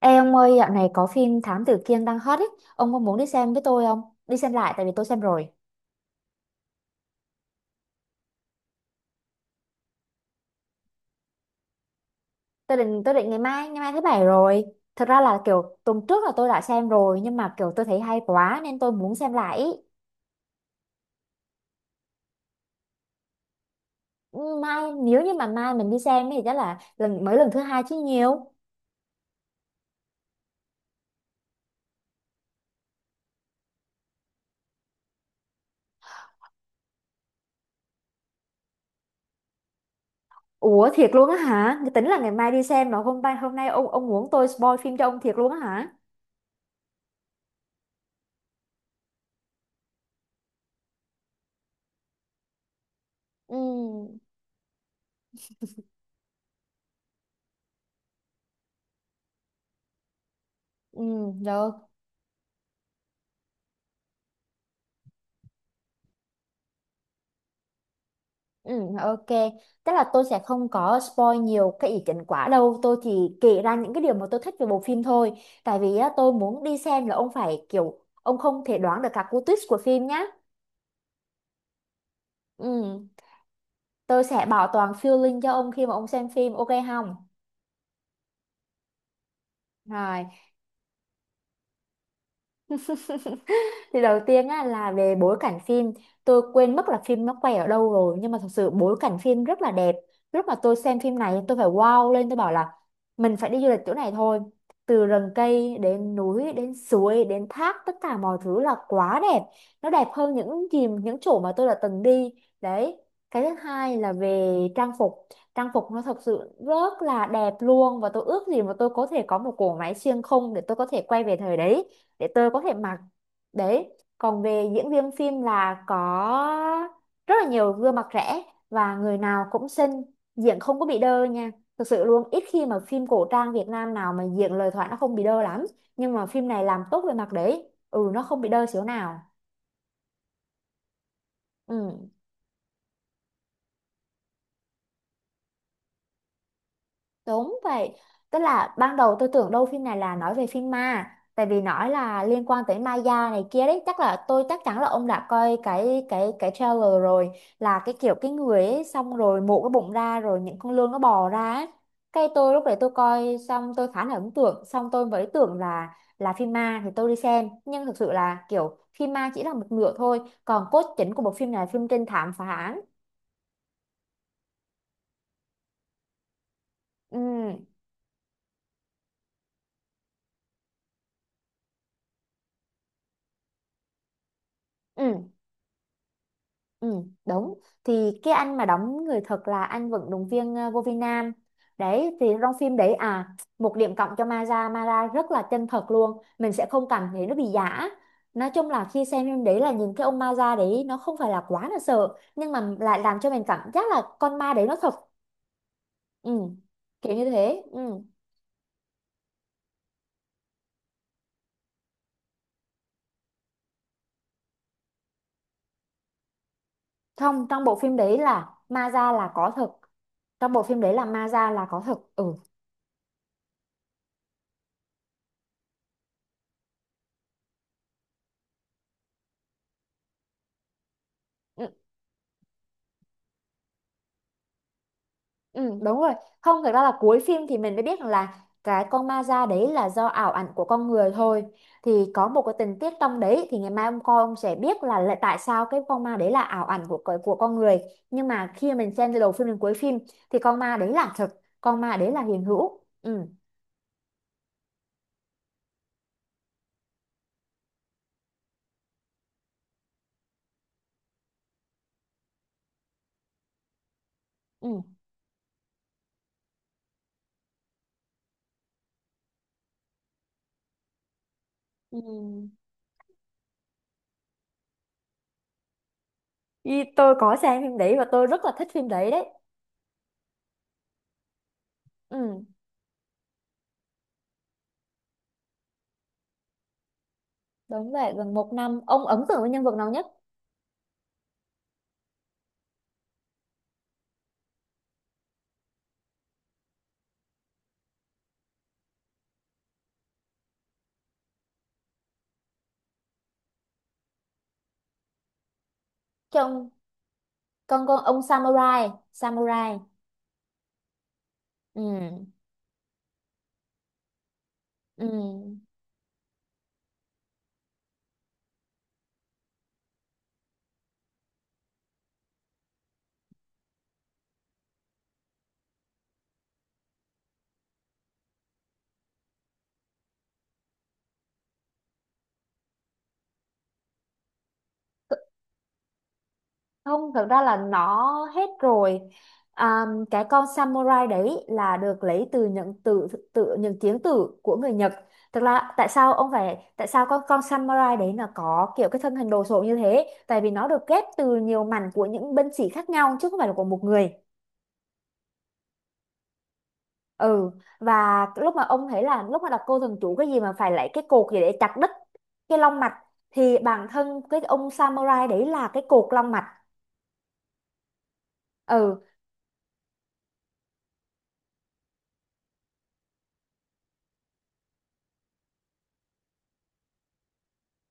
Ê ông ơi, dạo này có phim Thám Tử Kiên đang hot ấy, ông có muốn đi xem với tôi không? Đi xem lại tại vì tôi xem rồi. Tôi định ngày mai thứ bảy rồi. Thật ra là kiểu tuần trước là tôi đã xem rồi, nhưng mà kiểu tôi thấy hay quá nên tôi muốn xem lại. Ừ, mai nếu như mà mai mình đi xem thì chắc là lần thứ hai chứ nhiều. Ủa thiệt luôn á hả? Cái tính là ngày mai đi xem mà hôm nay ông muốn tôi spoil phim cho ông thiệt luôn á hả? Ừ, ừ, được. Ừ, ok. Tức là tôi sẽ không có spoil nhiều cái ý kiến quá đâu. Tôi chỉ kể ra những cái điều mà tôi thích về bộ phim thôi. Tại vì á, tôi muốn đi xem là ông phải kiểu ông không thể đoán được các cú twist của phim nhá. Ừ, tôi sẽ bảo toàn feeling cho ông khi mà ông xem phim, ok không? Rồi. Thì đầu tiên á, là về bối cảnh phim. Tôi quên mất là phim nó quay ở đâu rồi, nhưng mà thật sự bối cảnh phim rất là đẹp. Lúc mà tôi xem phim này tôi phải wow lên, tôi bảo là mình phải đi du lịch chỗ này thôi. Từ rừng cây đến núi đến suối đến thác, tất cả mọi thứ là quá đẹp. Nó đẹp hơn những gì những chỗ mà tôi đã từng đi đấy. Cái thứ hai là về trang phục. Trang phục nó thật sự rất là đẹp luôn, và tôi ước gì mà tôi có thể có một cỗ máy xuyên không để tôi có thể quay về thời đấy, để tôi có thể mặc. Đấy, còn về diễn viên phim là có rất là nhiều gương mặt trẻ, và người nào cũng xinh, diễn không có bị đơ nha. Thực sự luôn, ít khi mà phim cổ trang Việt Nam nào mà diễn lời thoại nó không bị đơ lắm. Nhưng mà phim này làm tốt về mặt đấy, ừ, nó không bị đơ xíu nào. Ừ. Đúng vậy, tức là ban đầu tôi tưởng đâu phim này là nói về phim ma. Tại vì nói là liên quan tới Maya này kia đấy. Chắc là tôi chắc chắn là ông đã coi cái trailer rồi. Là cái kiểu cái người ấy xong rồi mổ cái bụng ra rồi những con lươn nó bò ra ấy. Cái tôi lúc đấy tôi coi xong tôi khá là ấn tượng. Xong tôi mới tưởng là phim ma thì tôi đi xem. Nhưng thực sự là kiểu phim ma chỉ là một nửa thôi. Còn cốt chính của bộ phim này là phim trinh thám phá án. Ừ, ừ. Ừ, đúng. Thì cái anh mà đóng người thật là anh vận động viên vô vi Nam. Đấy, thì trong phim đấy à, một điểm cộng cho Mara. Mara rất là chân thật luôn. Mình sẽ không cảm thấy nó bị giả. Nói chung là khi xem phim đấy là nhìn cái ông Mara đấy nó không phải là quá là sợ, nhưng mà lại làm cho mình cảm giác là con ma đấy nó thật. Ừ, kiểu như thế. Ừ. Không, trong bộ phim đấy là Mara là có thật. Trong bộ phim đấy là Mara là có thật. Ừ. Ừ. Ừ, đúng rồi. Không, thật ra là cuối phim thì mình mới biết rằng là cái con ma da đấy là do ảo ảnh của con người thôi. Thì có một cái tình tiết trong đấy, thì ngày mai ông coi ông sẽ biết là, tại sao cái con ma đấy là ảo ảnh của con người. Nhưng mà khi mình xem từ đầu phim đến cuối phim thì con ma đấy là thật, con ma đấy là hiện hữu. Ừ, ừ. Ừ. Ý, tôi có xem phim đấy và tôi rất là thích phim đấy đấy. Ừ, đúng vậy, gần một năm. Ông ấn tượng với nhân vật nào nhất? Cái ông, con ông Samurai, Samurai. Ừ. Ừ. Không, thực ra là nó hết rồi. À, cái con samurai đấy là được lấy từ những từ tự những tiếng từ của người Nhật. Thực ra tại sao con samurai đấy nó có kiểu cái thân hình đồ sộ như thế? Tại vì nó được ghép từ nhiều mảnh của những binh sĩ khác nhau, chứ không phải là của một người. Ừ, và lúc mà ông thấy là lúc mà đọc cô thần chú cái gì mà phải lấy cái cột gì để chặt đứt cái long mạch, thì bản thân cái ông samurai đấy là cái cột long mạch. Ừ.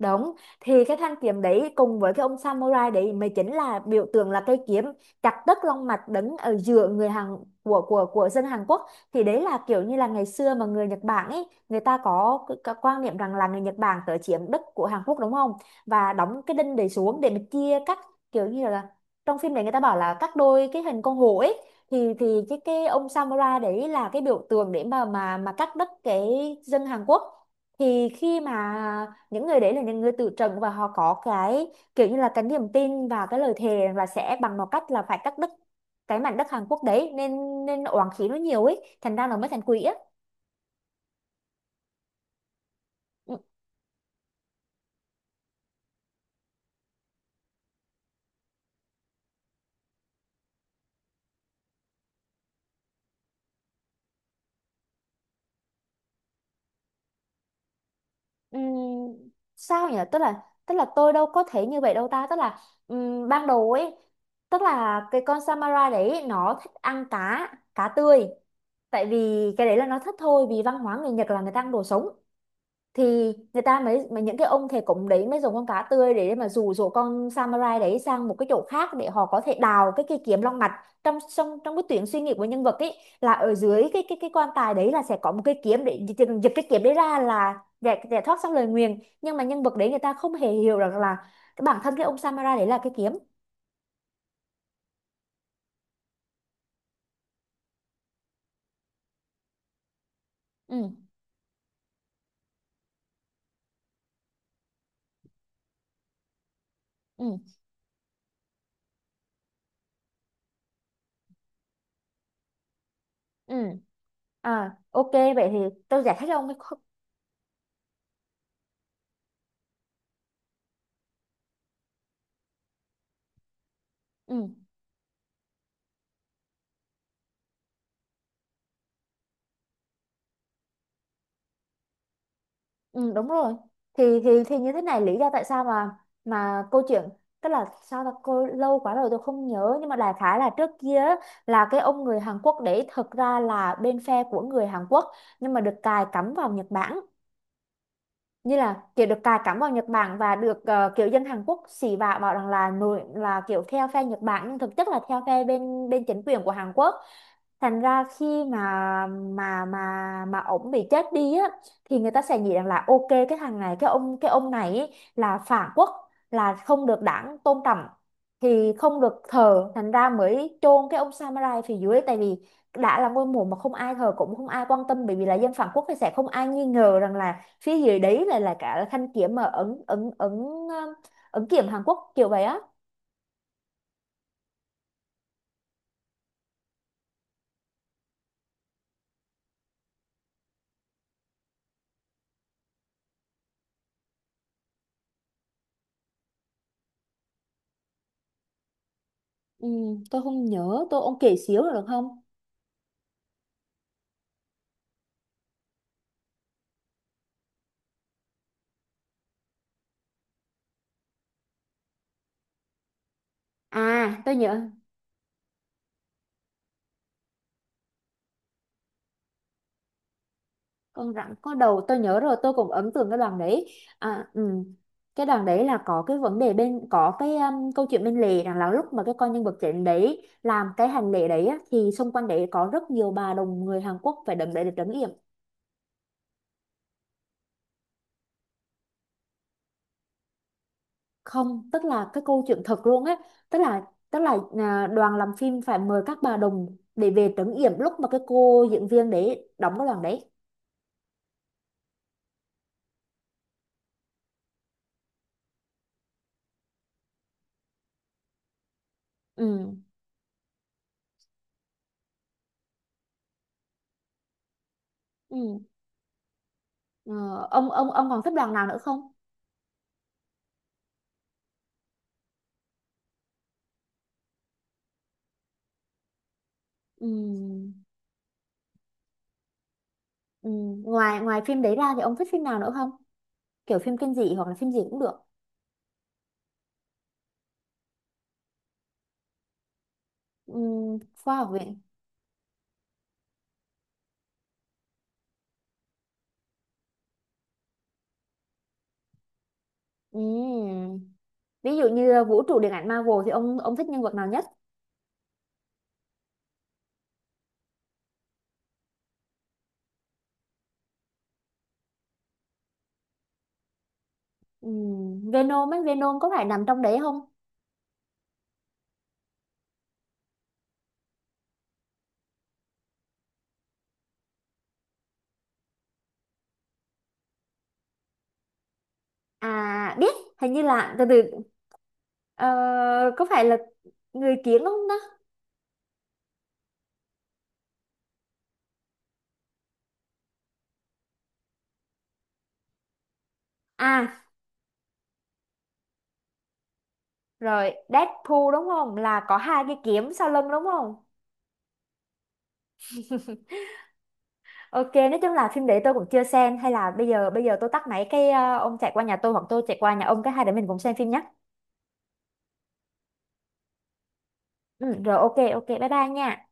Đúng, thì cái thanh kiếm đấy cùng với cái ông samurai đấy mới chính là biểu tượng, là cây kiếm chặt đứt long mạch đứng ở giữa người Hàn, của dân Hàn Quốc. Thì đấy là kiểu như là ngày xưa mà người Nhật Bản ấy, người ta có cái quan niệm rằng là người Nhật Bản tới chiếm đất của Hàn Quốc đúng không, và đóng cái đinh đấy xuống để mà chia các kiểu như là, trong phim đấy người ta bảo là các đôi cái hình con hổ ấy, thì cái ông samurai đấy là cái biểu tượng để mà cắt đứt cái dân Hàn Quốc. Thì khi mà những người đấy là những người tự trận và họ có cái kiểu như là cái niềm tin và cái lời thề rằng là sẽ bằng một cách là phải cắt đứt cái mảnh đất Hàn Quốc đấy, nên nên oán khí nó nhiều ấy, thành ra nó mới thành quỷ á. Ừ, sao nhỉ, tức là tôi đâu có thể như vậy đâu ta, tức là ban đầu ấy, tức là cái con Samara đấy nó thích ăn cá, cá tươi. Tại vì cái đấy là nó thích thôi, vì văn hóa người Nhật là người ta ăn đồ sống, thì người ta mới mà những cái ông thầy cúng đấy mới dùng con cá tươi để mà dụ dỗ con samurai đấy sang một cái chỗ khác để họ có thể đào cái cây kiếm long mạch. Trong trong trong cái tuyến suy nghĩ của nhân vật ấy là ở dưới cái quan tài đấy là sẽ có một cây kiếm để giật cái kiếm đấy ra là giải giải thoát xong lời nguyền, nhưng mà nhân vật đấy người ta không hề hiểu rằng là cái bản thân cái ông samurai đấy là cái kiếm. Ừ. Ừ. Ừ. À, ok, vậy thì tôi giải thích cho ông cái khúc- Ừ. Ừ, đúng rồi, thì như thế này, lý do tại sao mà câu chuyện, tức là sao ta cô lâu quá rồi tôi không nhớ, nhưng mà đại khái là trước kia á, là cái ông người Hàn Quốc đấy thực ra là bên phe của người Hàn Quốc, nhưng mà được cài cắm vào Nhật Bản. Như là kiểu được cài cắm vào Nhật Bản và được kiểu dân Hàn Quốc xỉ vả bảo rằng là nổi là kiểu theo phe Nhật Bản, nhưng thực chất là theo phe bên bên chính quyền của Hàn Quốc. Thành ra khi mà ổng bị chết đi á, thì người ta sẽ nghĩ rằng là ok, cái thằng này, cái ông này ý là phản quốc, là không được đảng tôn trọng, thì không được thờ, thành ra mới chôn cái ông samurai phía dưới. Tại vì đã là ngôi mộ mà không ai thờ, cũng không ai quan tâm, bởi vì là dân phản quốc, thì sẽ không ai nghi ngờ rằng là phía dưới đấy là cả thanh kiếm mà ấn, ấn ấn kiếm Hàn Quốc kiểu vậy á. Ừ, tôi không nhớ, ông kể xíu được không? À, tôi nhớ con rắn có đầu, tôi nhớ rồi, tôi cũng ấn tượng cái đoàn đấy. À, ừ. Cái đoàn đấy là có cái câu chuyện bên lề rằng là lúc mà cái con nhân vật chính đấy làm cái hành lễ đấy á, thì xung quanh đấy có rất nhiều bà đồng người Hàn Quốc phải đấm để được trấn yểm. Không, tức là cái câu chuyện thật luôn á, tức là tức là đoàn làm phim phải mời các bà đồng để về trấn yểm lúc mà cái cô diễn viên để đóng cái đoàn đấy. Ừ. Ừ. Ờ, ông còn thích đoàn nào nữa không? Ừ. Ừ. ngoài ngoài phim đấy ra thì ông thích phim nào nữa không? Kiểu phim kinh dị hoặc là phim gì cũng được. Ừ. Khoa học viện. Ừ. Ví dụ như vũ trụ điện ảnh Marvel thì ông thích nhân vật nào nhất? Ừ. Venom ấy, Venom có phải nằm trong đấy không? À, biết. Hình như là từ từ. Ờ, có phải là người kiếm không đó? À, rồi, Deadpool đúng không? Là có hai cái kiếm sau lưng đúng không? Ok, nói chung là phim đấy tôi cũng chưa xem, hay là bây giờ tôi tắt máy cái ông chạy qua nhà tôi hoặc tôi chạy qua nhà ông, cái hai đứa mình cùng xem phim nhé. Ừ, rồi, ok ok, bye bye nha.